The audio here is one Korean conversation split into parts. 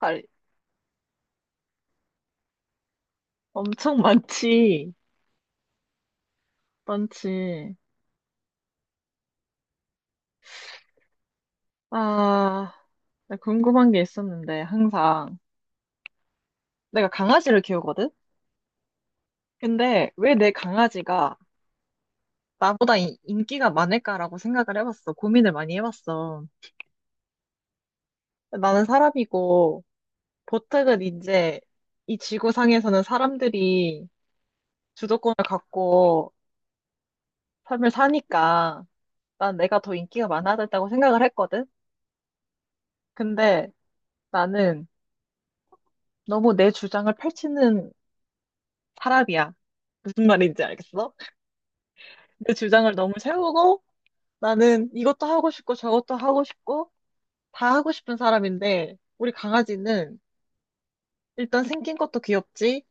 알- 엄청 많지. 많지. 아, 나 궁금한 게 있었는데, 항상. 내가 강아지를 키우거든? 근데 왜 내 강아지가 나보다 인기가 많을까라고 생각을 해봤어. 고민을 많이 해봤어. 나는 사람이고, 보통은 이제 이 지구상에서는 사람들이 주도권을 갖고 삶을 사니까 난 내가 더 인기가 많아야 된다고 생각을 했거든? 근데 나는 너무 내 주장을 펼치는 사람이야. 무슨 말인지 알겠어? 내 주장을 너무 세우고 나는 이것도 하고 싶고 저것도 하고 싶고 다 하고 싶은 사람인데 우리 강아지는 일단 생긴 것도 귀엽지?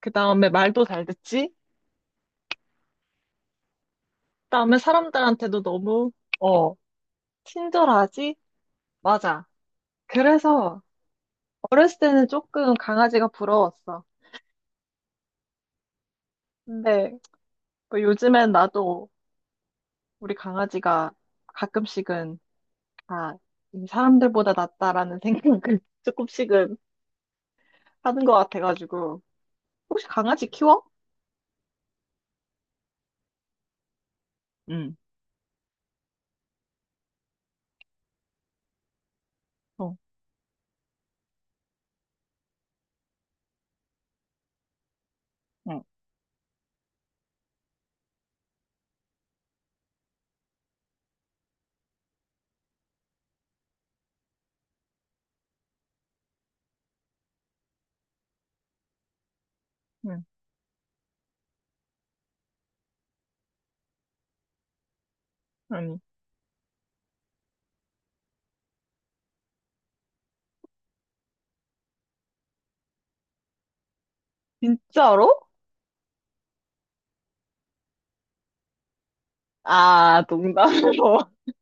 그 다음에 말도 잘 듣지? 그 다음에 사람들한테도 너무 어, 친절하지? 맞아. 그래서 어렸을 때는 조금 강아지가 부러웠어. 근데 뭐 요즘엔 나도 우리 강아지가 가끔씩은 아, 이 사람들보다 낫다라는 생각을 조금씩은 하는 것 같아가지고. 혹시 강아지 키워? 응, 어, 어, 응, 아니. 진짜로? 아, 농담으로.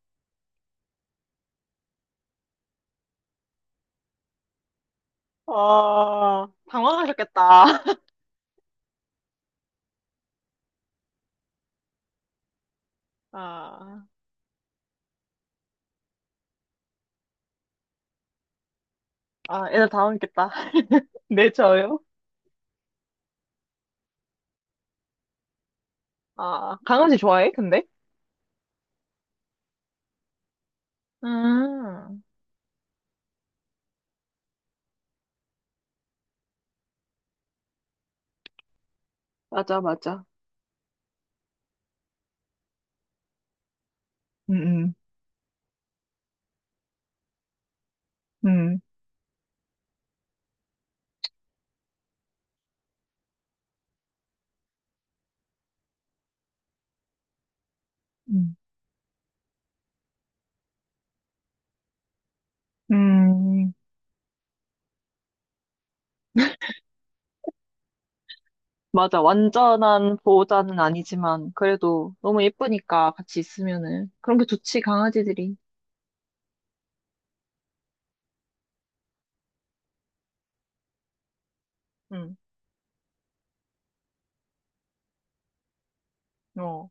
아, 당황하셨겠다. 아, 아, 애들 당황했겠다. 네, 저요? 아, 강아지 좋아해, 근데? 음, 맞아, 맞아. 음, 음, 음, 음, 음. 맞아. 완전한 보호자는 아니지만, 그래도 너무 예쁘니까 같이 있으면은. 그런 게 좋지, 강아지들이. 응 어,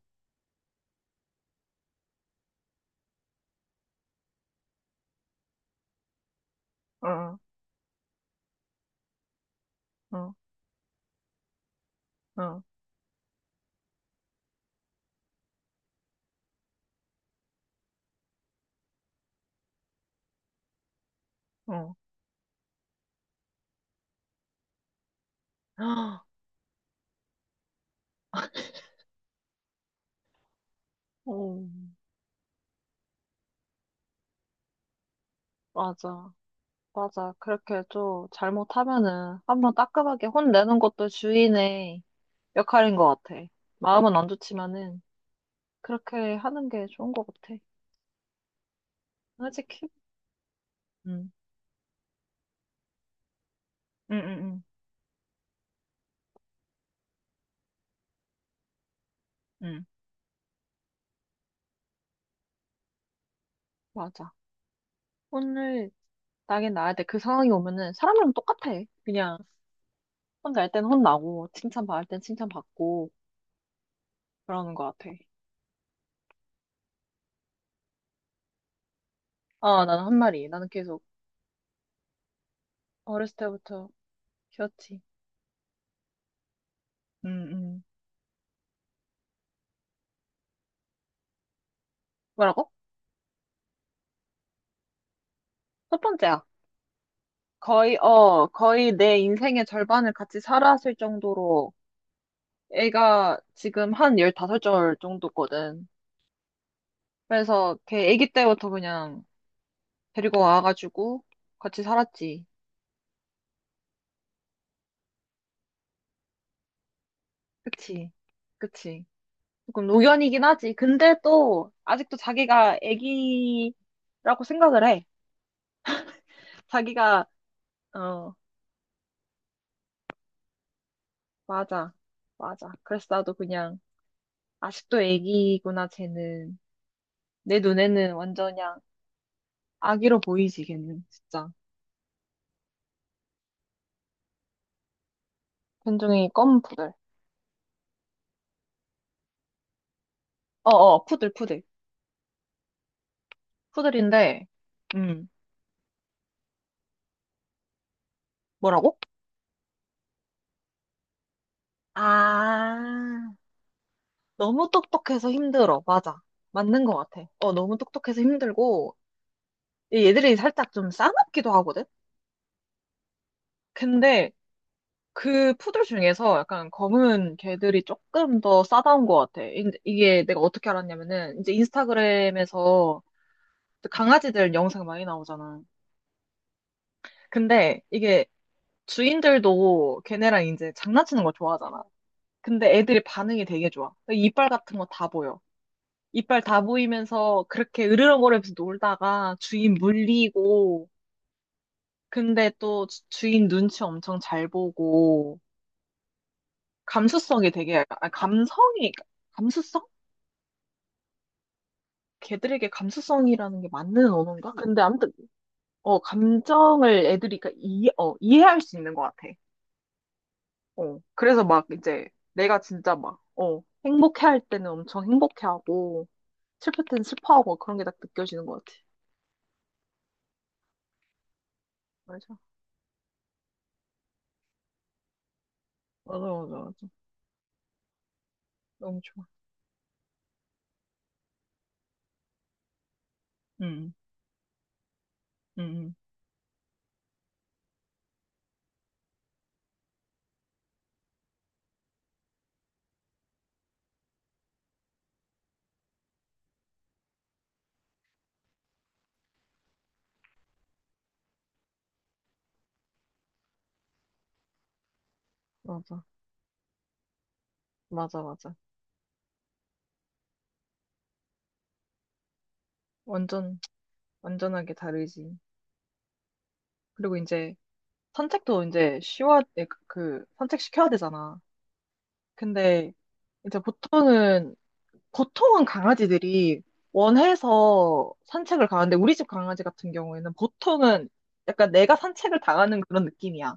어. 어, 어, 어. 어, 맞아, 맞아. 그렇게 좀 잘못하면은 한번 따끔하게 혼내는 것도 주인의 역할인 것 같아. 마음은 안 좋지만은 그렇게 하는 게 좋은 것 같아. 솔직히. 응, 응, 응, 응, 응. 맞아. 혼을 나긴 나야 돼. 그 상황이 오면은 사람이랑 똑같아. 그냥 혼날 땐 혼나고 칭찬받을 땐 칭찬받고 그러는 것 같아. 아, 나는 한 마리. 나는 계속 어렸을 때부터 키웠지. 응, 응. 뭐라고? 첫 번째야. 거의, 어, 거의 내 인생의 절반을 같이 살았을 정도로 애가 지금 한 15절 정도거든. 그래서 걔 애기 때부터 그냥 데리고 와가지고 같이 살았지. 그치. 그치. 조금 노견이긴 하지. 근데 또 아직도 자기가 애기라고 생각을 해. 자기가, 어, 맞아. 맞아. 그래서 나도 그냥 아직도 애기구나, 쟤는. 내 눈에는 완전 그냥 아기로 보이지, 걔는, 진짜. 견종이 검 푸들. 어어, 푸들, 푸들. 푸들인데, 음, 뭐라고? 아, 너무 똑똑해서 힘들어. 맞아. 맞는 것 같아. 어, 너무 똑똑해서 힘들고, 이 얘들이 살짝 좀 싸납기도 하거든? 근데 그 푸들 중에서 약간 검은 개들이 조금 더 싸다운 것 같아. 이게 내가 어떻게 알았냐면은, 이제 인스타그램에서 강아지들 영상 많이 나오잖아. 근데 이게 주인들도 걔네랑 이제 장난치는 걸 좋아하잖아. 근데 애들이 반응이 되게 좋아. 이빨 같은 거 다 보여. 이빨 다 보이면서 그렇게 으르렁거리면서 놀다가 주인 물리고, 근데 또 주인 눈치 엄청 잘 보고, 감수성이 되게, 약간- 아, 감성이, 감수성? 걔들에게 감수성이라는 게 맞는 언어인가? 근데 아무튼, 어, 감정을 애들이 그러니까 이, 어, 이해할 수 있는 것 같아. 어. 그래서 막 이제 내가 진짜 막, 어, 행복해 할 때는 엄청 행복해 하고, 슬플 때는 슬퍼하고 그런 게 딱 느껴지는 것 같아. 맞아. 맞아, 맞아, 맞아. 너무 좋아. 응, 응, 응. 맞아, 맞아, 맞아. 완전, 완전하게 다르지. 그리고 이제 산책도 이제 쉬워, 그, 산책시켜야 되잖아. 근데 이제 보통은 강아지들이 원해서 산책을 가는데 우리 집 강아지 같은 경우에는 보통은 약간 내가 산책을 당하는 그런 느낌이야.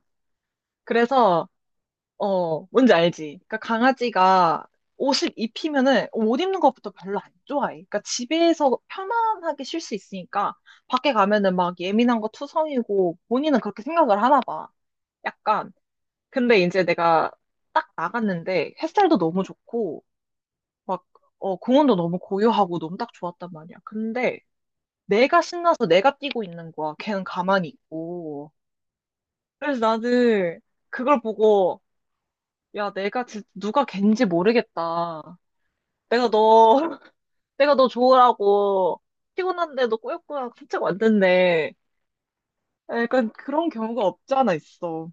그래서 어 뭔지 알지? 그러니까 강아지가 옷을 입히면은 옷 입는 것부터 별로 안 좋아해. 그러니까 집에서 편안하게 쉴 수 있으니까 밖에 가면은 막 예민한 거 투성이고 본인은 그렇게 생각을 하나 봐. 약간 근데 이제 내가 딱 나갔는데 햇살도 너무 좋고 막, 어, 공원도 너무 고요하고 너무 딱 좋았단 말이야. 근데 내가 신나서 내가 뛰고 있는 거야. 걔는 가만히 있고. 그래서 나는 그걸 보고, 야, 내가 진짜 누가 걘지 모르겠다. 내가 너, 내가 너 좋으라고 피곤한데 너 꾸역꾸역 산책 왔는데. 약간 그런 경우가 없지 않아 있어.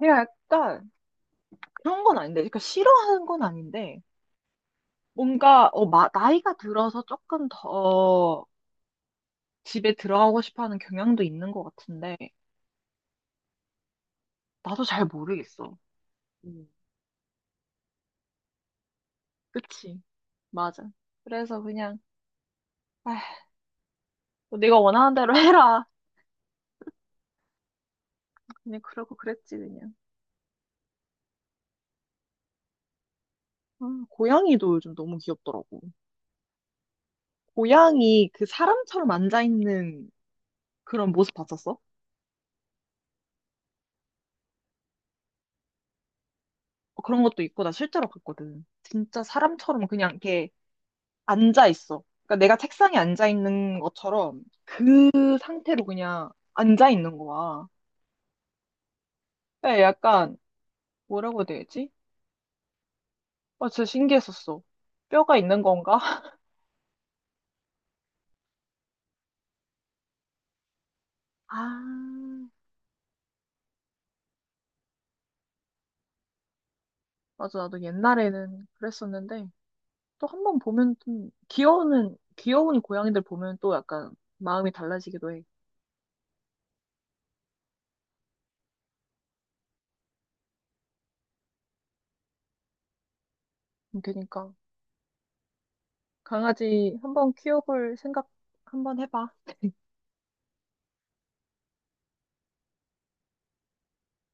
내가 약간 그런 건 아닌데, 그러니까 싫어하는 건 아닌데, 뭔가, 어, 나이가 들어서 조금 더 집에 들어가고 싶어 하는 경향도 있는 것 같은데, 나도 잘 모르겠어. 음. 그치. 맞아. 그래서 그냥, 아휴, 뭐 네가 원하는 대로 해라. 그냥 그러고 그랬지, 그냥. 아, 고양이도 요즘 너무 귀엽더라고. 고양이 그 사람처럼 앉아있는 그런 모습 봤었어? 어, 그런 것도 있고, 나 실제로 봤거든. 진짜 사람처럼 그냥 이렇게 앉아있어. 그러니까 내가 책상에 앉아있는 것처럼 그 상태로 그냥 앉아있는 거야. 그러니까 약간, 뭐라고 해야 되지? 아, 진짜 신기했었어. 뼈가 있는 건가? 아, 맞아. 나도 옛날에는 그랬었는데, 또 한 번 보면 좀, 귀여우는, 귀여운 고양이들 보면 또 약간 마음이 달라지기도 해. 그러니까, 강아지 한번 키워볼 생각 한번 해봐.